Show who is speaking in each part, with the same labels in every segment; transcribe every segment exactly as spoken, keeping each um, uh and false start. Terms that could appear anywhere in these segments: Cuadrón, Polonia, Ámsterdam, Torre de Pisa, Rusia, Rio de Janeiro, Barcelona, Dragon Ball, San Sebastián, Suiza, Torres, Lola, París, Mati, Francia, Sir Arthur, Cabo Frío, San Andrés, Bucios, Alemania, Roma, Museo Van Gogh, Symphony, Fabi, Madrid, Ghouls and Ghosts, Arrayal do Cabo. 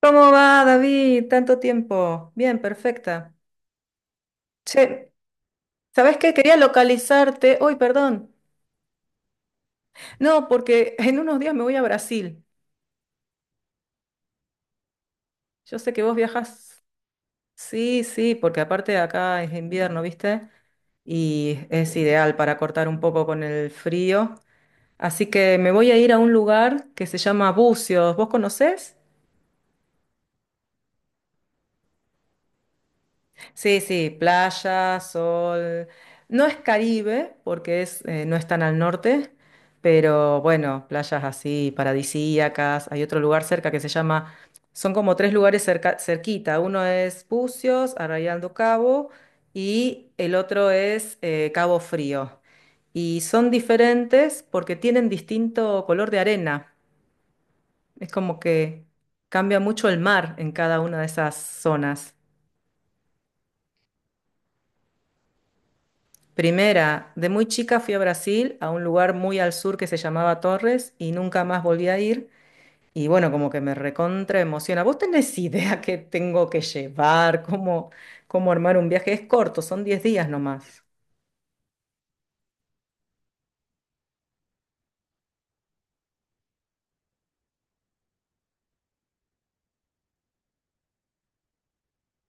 Speaker 1: ¿Cómo va, David? Tanto tiempo. Bien, perfecta. Che, ¿sabes qué? Quería localizarte. Uy, perdón. No, porque en unos días me voy a Brasil. Yo sé que vos viajas. Sí, sí, porque aparte de acá es invierno, ¿viste? Y es ideal para cortar un poco con el frío. Así que me voy a ir a un lugar que se llama Bucios. ¿Vos conocés? Sí, sí, playa, sol. No es Caribe, porque es, eh, no es tan al norte, pero bueno, playas así paradisíacas. Hay otro lugar cerca que se llama, son como tres lugares cerca, cerquita. Uno es Pucios, Arrayal do Cabo, y el otro es eh, Cabo Frío. Y son diferentes porque tienen distinto color de arena. Es como que cambia mucho el mar en cada una de esas zonas. Primera, de muy chica fui a Brasil, a un lugar muy al sur que se llamaba Torres y nunca más volví a ir. Y bueno, como que me recontra emociona. ¿Vos tenés idea qué tengo que llevar? ¿Cómo, cómo armar un viaje? Es corto, son diez días nomás.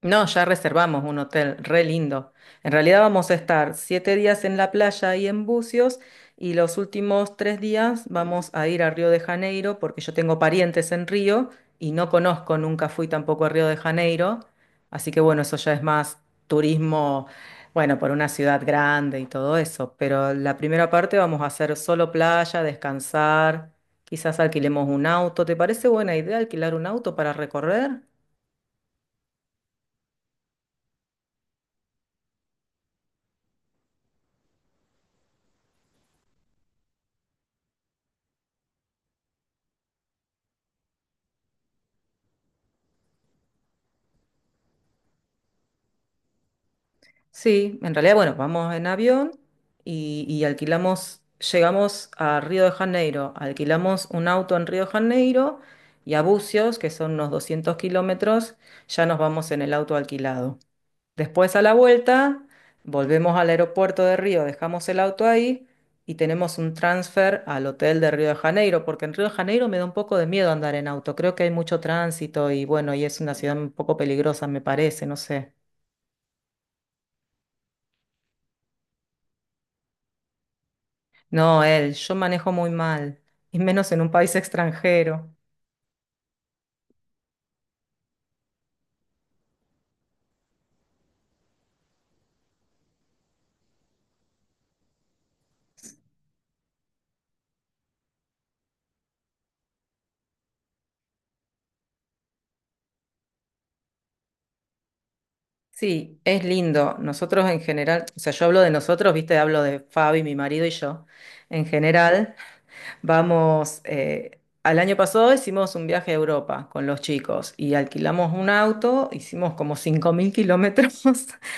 Speaker 1: No, ya reservamos un hotel re lindo. En realidad vamos a estar siete días en la playa y en Bucios y los últimos tres días vamos a ir a Río de Janeiro porque yo tengo parientes en Río y no conozco, nunca fui tampoco a Río de Janeiro. Así que bueno, eso ya es más turismo, bueno, por una ciudad grande y todo eso. Pero la primera parte vamos a hacer solo playa, descansar, quizás alquilemos un auto. ¿Te parece buena idea alquilar un auto para recorrer? Sí, en realidad, bueno, vamos en avión y, y alquilamos, llegamos a Río de Janeiro, alquilamos un auto en Río de Janeiro y a Bucios, que son unos doscientos kilómetros, ya nos vamos en el auto alquilado. Después a la vuelta, volvemos al aeropuerto de Río, dejamos el auto ahí y tenemos un transfer al hotel de Río de Janeiro, porque en Río de Janeiro me da un poco de miedo andar en auto, creo que hay mucho tránsito y bueno, y es una ciudad un poco peligrosa, me parece, no sé. No, él, yo manejo muy mal, y menos en un país extranjero. Sí, es lindo. Nosotros en general, o sea, yo hablo de nosotros, viste, hablo de Fabi, mi marido y yo. En general, vamos, eh, al año pasado hicimos un viaje a Europa con los chicos y alquilamos un auto, hicimos como cinco mil kilómetros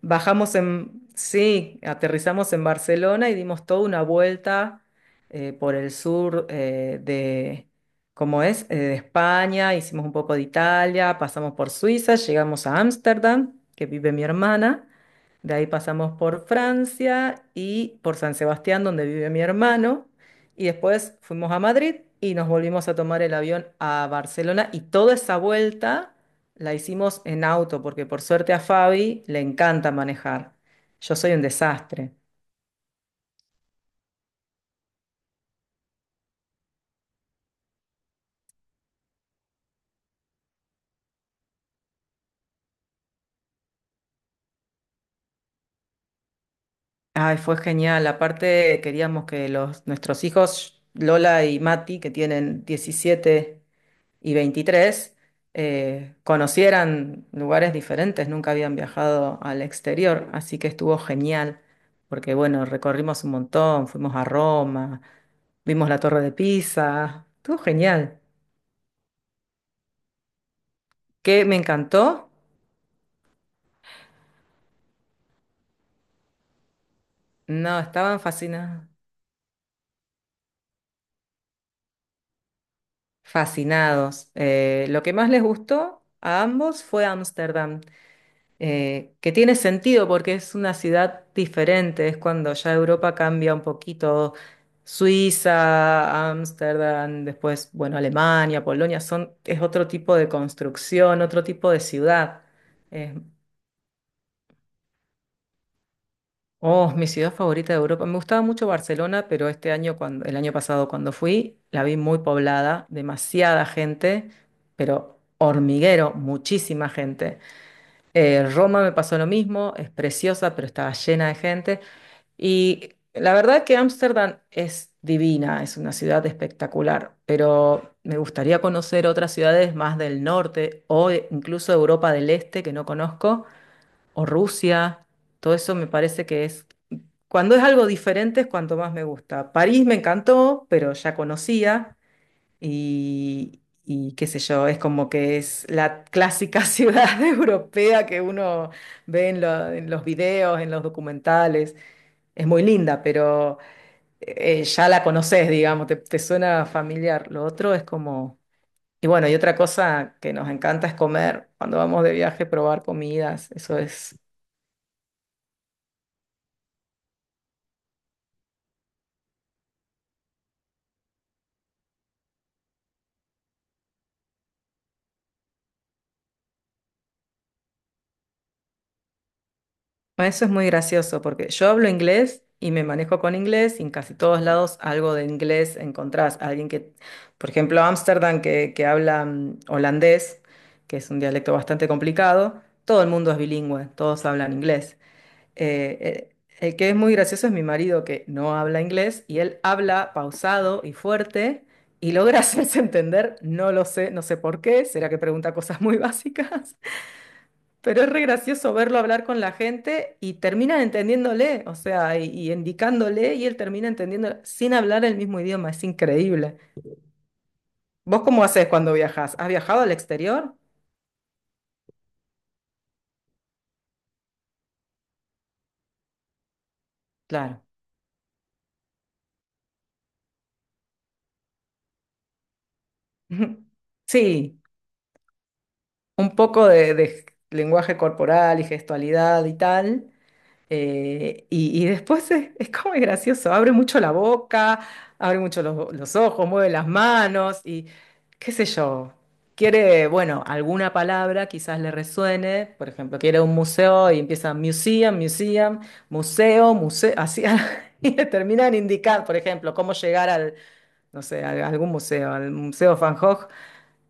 Speaker 1: Bajamos en, sí, aterrizamos en Barcelona y dimos toda una vuelta eh, por el sur eh, de, ¿cómo es? Eh, de España, hicimos un poco de Italia, pasamos por Suiza, llegamos a Ámsterdam, que vive mi hermana, de ahí pasamos por Francia y por San Sebastián, donde vive mi hermano, y después fuimos a Madrid y nos volvimos a tomar el avión a Barcelona y toda esa vuelta. La hicimos en auto porque por suerte a Fabi le encanta manejar. Yo soy un desastre. Ay, fue genial. Aparte, queríamos que los, nuestros hijos, Lola y Mati, que tienen diecisiete y veintitrés eh, conocieran lugares diferentes. Nunca habían viajado al exterior, así que estuvo genial. Porque bueno, recorrimos un montón, fuimos a Roma, vimos la Torre de Pisa. Estuvo genial. ¿Qué me encantó? No, estaban fascinados. Fascinados. Eh, lo que más les gustó a ambos fue Ámsterdam, eh, que tiene sentido porque es una ciudad diferente, es cuando ya Europa cambia un poquito. Suiza, Ámsterdam, después, bueno, Alemania, Polonia, son, es otro tipo de construcción, otro tipo de ciudad. Oh, mi ciudad favorita de Europa. Me gustaba mucho Barcelona, pero este año, cuando, el año pasado cuando fui, la vi muy poblada, demasiada gente, pero hormiguero, muchísima gente. Eh, Roma me pasó lo mismo, es preciosa, pero estaba llena de gente. Y la verdad que Ámsterdam es divina, es una ciudad espectacular, pero me gustaría conocer otras ciudades más del norte o incluso Europa del Este que no conozco, o Rusia. Todo eso me parece que es cuando es algo diferente es cuanto más me gusta. París me encantó, pero ya conocía y, y qué sé yo, es como que es la clásica ciudad europea que uno ve en, lo- en los videos, en los documentales. Es muy linda, pero eh, ya la conoces, digamos, te, te suena familiar. Lo otro es como... Y bueno, y otra cosa que nos encanta es comer. Cuando vamos de viaje, probar comidas. Eso es. Bueno, eso es muy gracioso porque yo hablo inglés y me manejo con inglés y en casi todos lados algo de inglés encontrás. Alguien que, por ejemplo, Ámsterdam que, que habla mm, holandés, que es un dialecto bastante complicado, todo el mundo es bilingüe, todos hablan inglés. Eh, eh, el que es muy gracioso es mi marido que no habla inglés y él habla pausado y fuerte y logra hacerse entender, no lo sé, no sé por qué, será que pregunta cosas muy básicas, pero es re gracioso verlo hablar con la gente y terminan entendiéndole, o sea, y, y indicándole y él termina entendiendo sin hablar el mismo idioma, es increíble. ¿Vos cómo haces cuando viajas? ¿Has viajado al exterior? Claro. Sí, un poco de, de lenguaje corporal y gestualidad y tal. Eh, y, y después es, es como es gracioso, abre mucho la boca, abre mucho los, los ojos, mueve las manos y qué sé yo, quiere, bueno, alguna palabra quizás le resuene, por ejemplo, quiere un museo y empieza museum, museum, museo, museo, así, y le terminan indicar, por ejemplo, cómo llegar al, no sé, a algún museo, al Museo Van Gogh,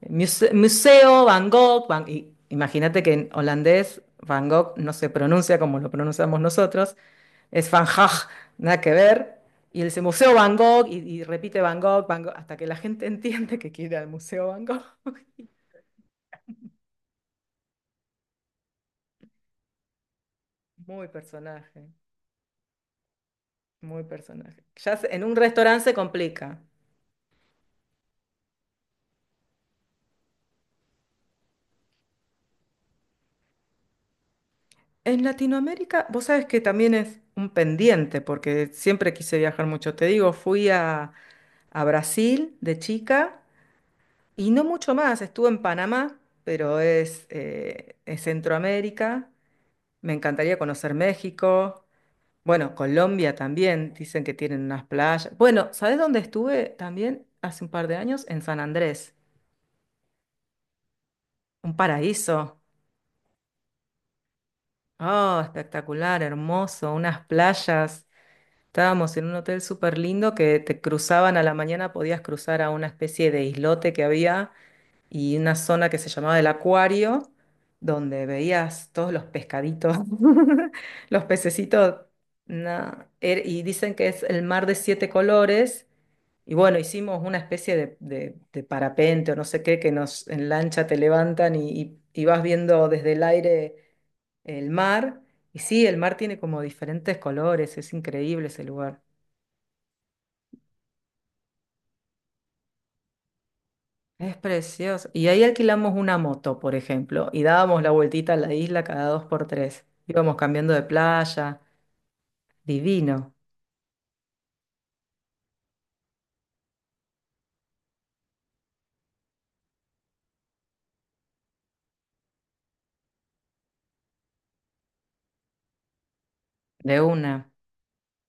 Speaker 1: muse- Museo Van Gogh, Van- y imagínate que en holandés Van Gogh no se pronuncia como lo pronunciamos nosotros, es Van Gogh, nada que ver. Y el Museo Van Gogh, y, y repite Van Gogh, Van Gogh, hasta que la gente entiende que quiere al Museo Van Gogh. Muy personaje, muy personaje. Ya se- en un restaurante se complica. En Latinoamérica, vos sabés que también es un pendiente, porque siempre quise viajar mucho. Te digo, fui a, a Brasil de chica y no mucho más. Estuve en Panamá, pero es, eh, es Centroamérica. Me encantaría conocer México. Bueno, Colombia también, dicen que tienen unas playas. Bueno, ¿sabes dónde estuve también hace un par de años? En San Andrés, un paraíso. Oh, espectacular, hermoso, unas playas. Estábamos en un hotel súper lindo que te cruzaban a la mañana, podías cruzar a una especie de islote que había y una zona que se llamaba el acuario, donde veías todos los pescaditos, los pececitos. No, er- y dicen que es el mar de siete colores. Y bueno, hicimos una especie de, de- de parapente o no sé qué, que nos en lancha te levantan y, y- y vas viendo desde el aire el mar. Y sí, el mar tiene como diferentes colores, es increíble ese lugar. Es precioso. Y ahí alquilamos una moto, por ejemplo, y dábamos la vueltita a la isla cada dos por tres. Íbamos cambiando de playa, divino, de una.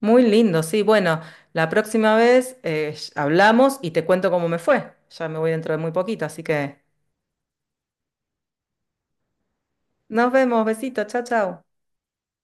Speaker 1: Muy lindo, sí. Bueno, la próxima vez eh, hablamos y te cuento cómo me fue. Ya me voy dentro de muy poquito, así que... Nos vemos, besito, chao, chao.